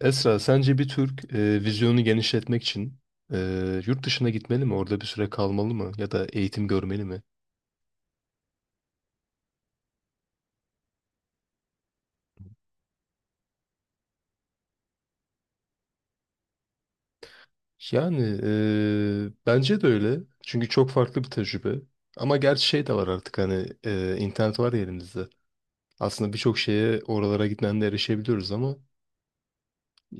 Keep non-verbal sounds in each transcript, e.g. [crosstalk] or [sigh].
Esra, sence bir Türk vizyonu genişletmek için yurt dışına gitmeli mi? Orada bir süre kalmalı mı? Ya da eğitim görmeli mi? Yani bence de öyle. Çünkü çok farklı bir tecrübe. Ama gerçi şey de var artık hani internet var ya elimizde. Aslında birçok şeye oralara gitmeden de erişebiliyoruz ama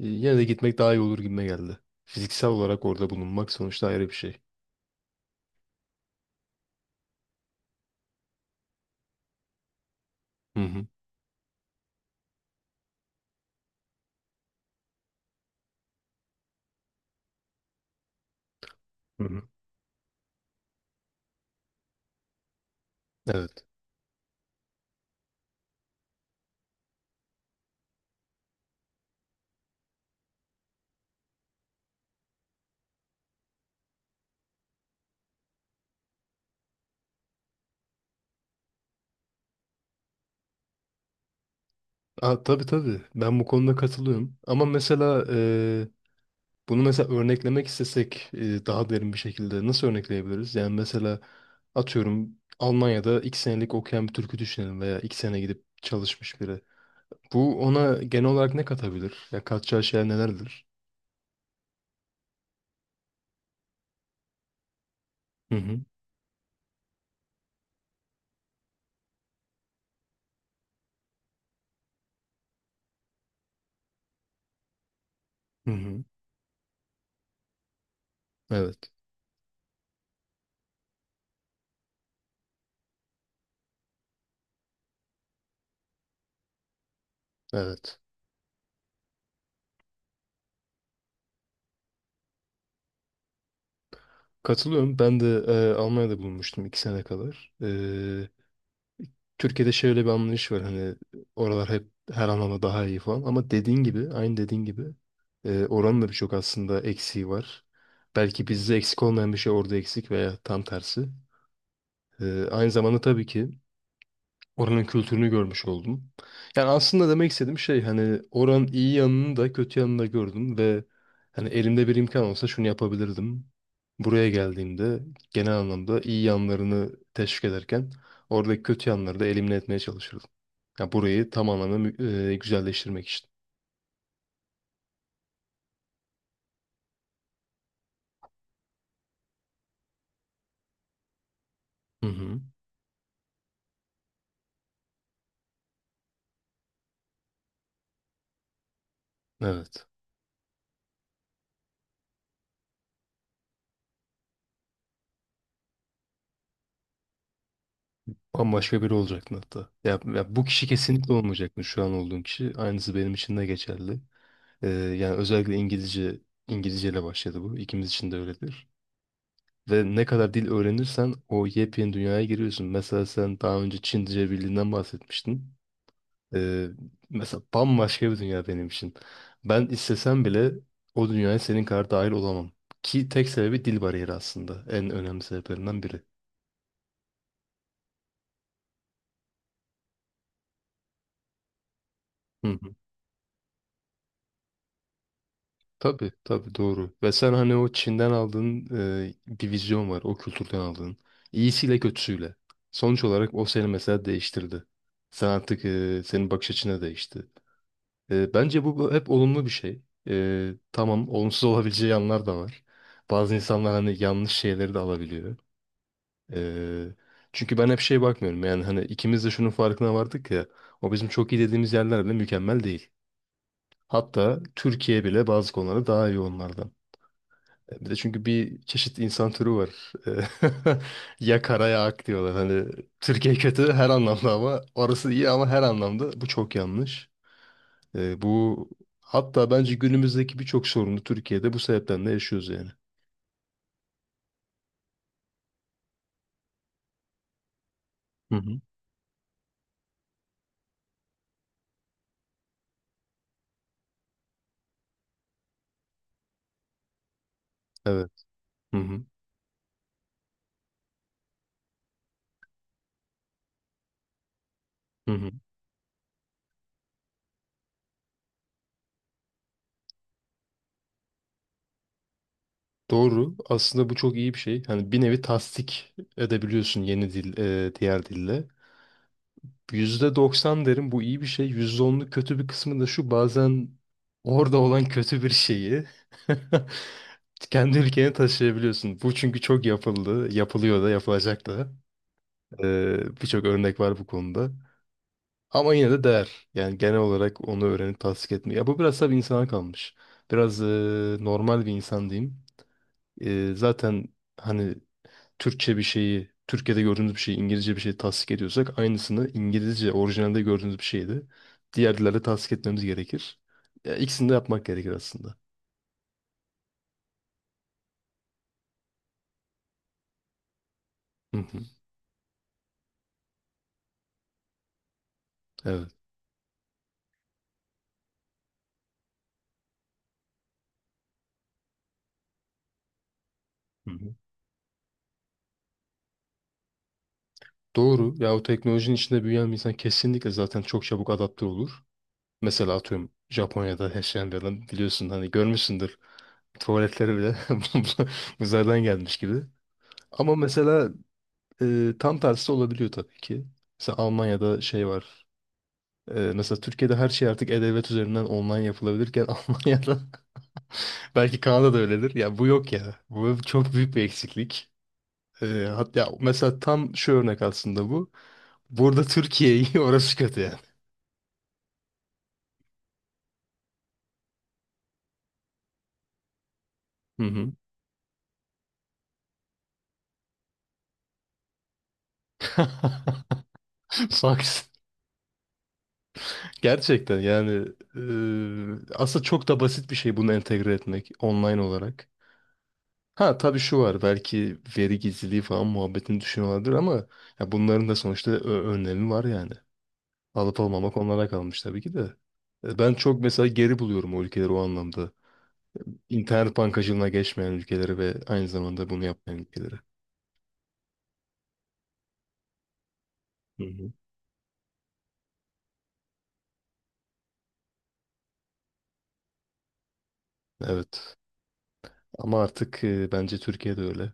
yine de gitmek daha iyi olur gibime geldi. Fiziksel olarak orada bulunmak sonuçta ayrı bir şey. Hı hı. Hı hı. Evet. Aa, tabii tabii. Ben bu konuda katılıyorum. Ama mesela bunu mesela örneklemek istesek daha derin bir şekilde nasıl örnekleyebiliriz? Yani mesela atıyorum Almanya'da iki senelik okuyan bir Türk'ü düşünelim veya iki sene gidip çalışmış biri. Bu ona genel olarak ne katabilir? Ya katacağı şeyler nelerdir? Hı hı. Hı hı. Evet. Evet. Katılıyorum. Ben de Almanya'da bulunmuştum iki sene kadar. Türkiye'de şöyle bir anlayış var hani oralar hep her anlamda daha iyi falan ama dediğin gibi aynı dediğin gibi oranın da birçok aslında eksiği var. Belki bizde eksik olmayan bir şey orada eksik veya tam tersi. Aynı zamanda tabii ki oranın kültürünü görmüş oldum. Yani aslında demek istediğim şey hani oranın iyi yanını da kötü yanını da gördüm ve hani elimde bir imkan olsa şunu yapabilirdim. Buraya geldiğimde genel anlamda iyi yanlarını teşvik ederken oradaki kötü yanları da elimine etmeye çalışırdım. Yani burayı tam anlamda güzelleştirmek için. Hı hı. Evet. Bambaşka biri olacaktın hatta. Ya bu kişi kesinlikle olmayacaktı şu an olduğun kişi. Aynısı benim için de geçerli. Yani özellikle İngilizceyle başladı bu. İkimiz için de öyledir. Ve ne kadar dil öğrenirsen o yepyeni dünyaya giriyorsun. Mesela sen daha önce Çince bildiğinden bahsetmiştin. Ee, mesela bambaşka bir dünya benim için. Ben istesem bile o dünyaya senin kadar dahil olamam. Ki tek sebebi dil bariyeri aslında. En önemli sebeplerinden biri. Hı. Tabii tabii, doğru. Ve sen hani o Çin'den aldığın bir vizyon var. O kültürden aldığın. İyisiyle kötüsüyle. Sonuç olarak o seni mesela değiştirdi. Sen artık senin bakış açına değişti. Bence bu hep olumlu bir şey. Tamam, olumsuz [laughs] olabileceği yanlar da var. Bazı insanlar hani yanlış şeyleri de alabiliyor. E, çünkü ben hep şey bakmıyorum. Yani hani ikimiz de şunun farkına vardık ya. O bizim çok iyi dediğimiz yerler bile mükemmel değil. Hatta Türkiye bile bazı konularda daha iyi onlardan. Bir de çünkü bir çeşit insan türü var. Eee, [laughs] Ya kara ya ak diyorlar. Hani Türkiye kötü her anlamda ama orası iyi ama her anlamda bu çok yanlış. Bu hatta bence günümüzdeki birçok sorunu Türkiye'de bu sebepten de yaşıyoruz yani. Hı hı. Evet. Hı hı. Hı hı. Doğru. Aslında bu çok iyi bir şey. Hani bir nevi tasdik edebiliyorsun yeni dil, diğer dille. %90 derim bu iyi bir şey. %10'luk kötü bir kısmı da şu: bazen orada olan kötü bir şeyi [laughs] kendi ülkeni taşıyabiliyorsun. Bu çünkü çok yapıldı, yapılıyor da, yapılacak da. Birçok örnek var bu konuda. Ama yine de değer. Yani genel olarak onu öğrenip tasdik etmiyor. Ya bu biraz tabii insana kalmış. Biraz normal bir insan diyeyim. Zaten hani Türkçe bir şeyi, Türkiye'de gördüğümüz bir şeyi, İngilizce bir şeyi tasdik ediyorsak aynısını İngilizce orijinalde gördüğümüz bir şeyi de diğer dillerde tasdik etmemiz gerekir. Ya, ikisini de yapmak gerekir aslında. Hı hı. Evet. Hı hı. Doğru. Ya o teknolojinin içinde büyüyen bir insan kesinlikle zaten çok çabuk adapte olur. Mesela atıyorum Japonya'da yaşayan bir adam, biliyorsun hani görmüşsündür, tuvaletleri bile [laughs] uzaydan gelmiş gibi. Ama mesela tam tersi olabiliyor tabii ki. Mesela Almanya'da şey var. Mesela Türkiye'de her şey artık e-devlet üzerinden online yapılabilirken [laughs] Almanya'da, belki Kanada'da öyledir, ya bu yok ya. Bu çok büyük bir eksiklik. E, hatta mesela tam şu örnek aslında bu. Burada Türkiye'yi [laughs] orası kötü. Hı hı. [laughs] Bak, gerçekten yani aslında çok da basit bir şey bunu entegre etmek online olarak. Ha tabii şu var, belki veri gizliliği falan muhabbetini düşünüyorlardır ama ya bunların da sonuçta önlemi var yani. Alıp almamak onlara kalmış tabii ki de. Ben çok mesela geri buluyorum o ülkeleri o anlamda. İnternet bankacılığına geçmeyen ülkeleri ve aynı zamanda bunu yapmayan ülkeleri. Hı hı. Evet, ama artık bence Türkiye'de öyle.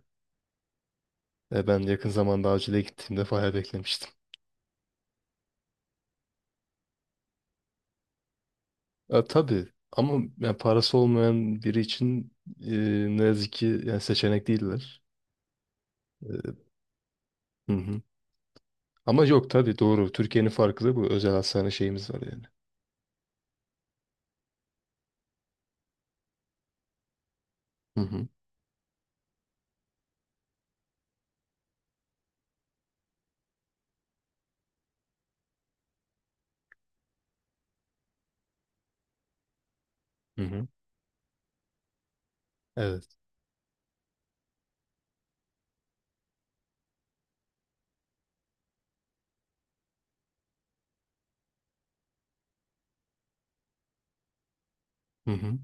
Ben yakın zamanda acile gittiğimde bayağı beklemiştim. Ya, tabii, ama yani parası olmayan biri için e, ne yazık ki yani seçenek değiller. E, hı hı. Ama yok, tabii doğru. Türkiye'nin farkı da bu. Özel hastane şeyimiz var yani. Hı hı. Hı hı. Evet. Hı hı.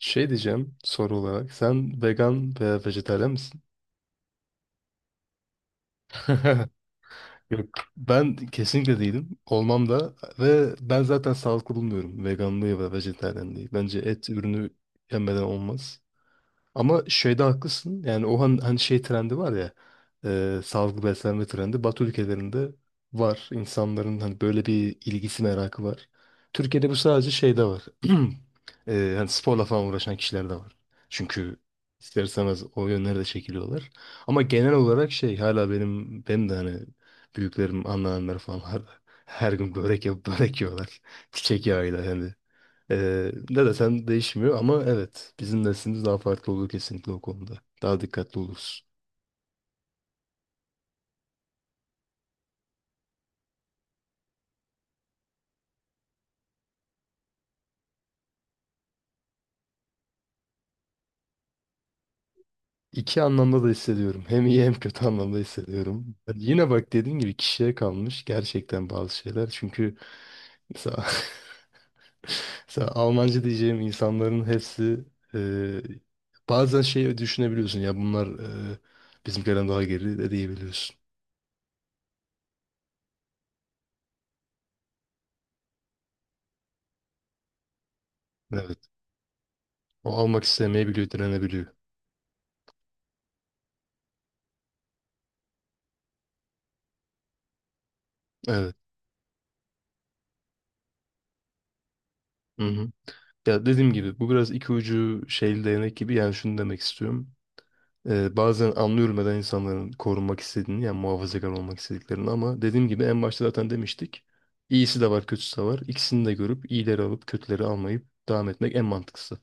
Şey diyeceğim soru olarak: sen vegan veya vejetaryen misin? [laughs] Yok. Ben kesinlikle değilim. Olmam da, ve ben zaten sağlıklı bulmuyorum veganlığı ve vejetaryenliği. Bence et ürünü yemeden olmaz. Ama şeyde haklısın. Yani o hani şey trendi var ya. Sağlıklı beslenme trendi. Batı ülkelerinde var. İnsanların hani böyle bir ilgisi, merakı var. Türkiye'de bu sadece şeyde var. [clears throat] Hani sporla falan uğraşan kişiler de var. Çünkü ister istemez o yönlere de çekiliyorlar. Ama genel olarak şey, hala benim de hani büyüklerim, anneannemler falan hala her gün börek yapıp börek yiyorlar. [laughs] Çiçek yağıyla yani. Ne desen değişmiyor, ama evet bizim neslimiz daha farklı olur kesinlikle o konuda. Daha dikkatli oluruz. İki anlamda da hissediyorum. Hem iyi hem kötü anlamda hissediyorum. Yani yine bak, dediğim gibi kişiye kalmış gerçekten bazı şeyler. Çünkü mesela, [laughs] mesela Almanca diyeceğim insanların hepsi e, bazen şey düşünebiliyorsun ya, bunlar e, bizimkilerden daha geri de diyebiliyorsun. Evet. O almak istemeyebiliyor, direnebiliyor. Evet. Hı hı. Ya dediğim gibi bu biraz iki ucu şeyli değnek gibi, yani şunu demek istiyorum. Bazen anlıyorum neden insanların korunmak istediğini, yani muhafazakar olmak istediklerini, ama dediğim gibi en başta zaten demiştik. İyisi de var, kötüsü de var. İkisini de görüp iyileri alıp kötüleri almayıp devam etmek en mantıklısı.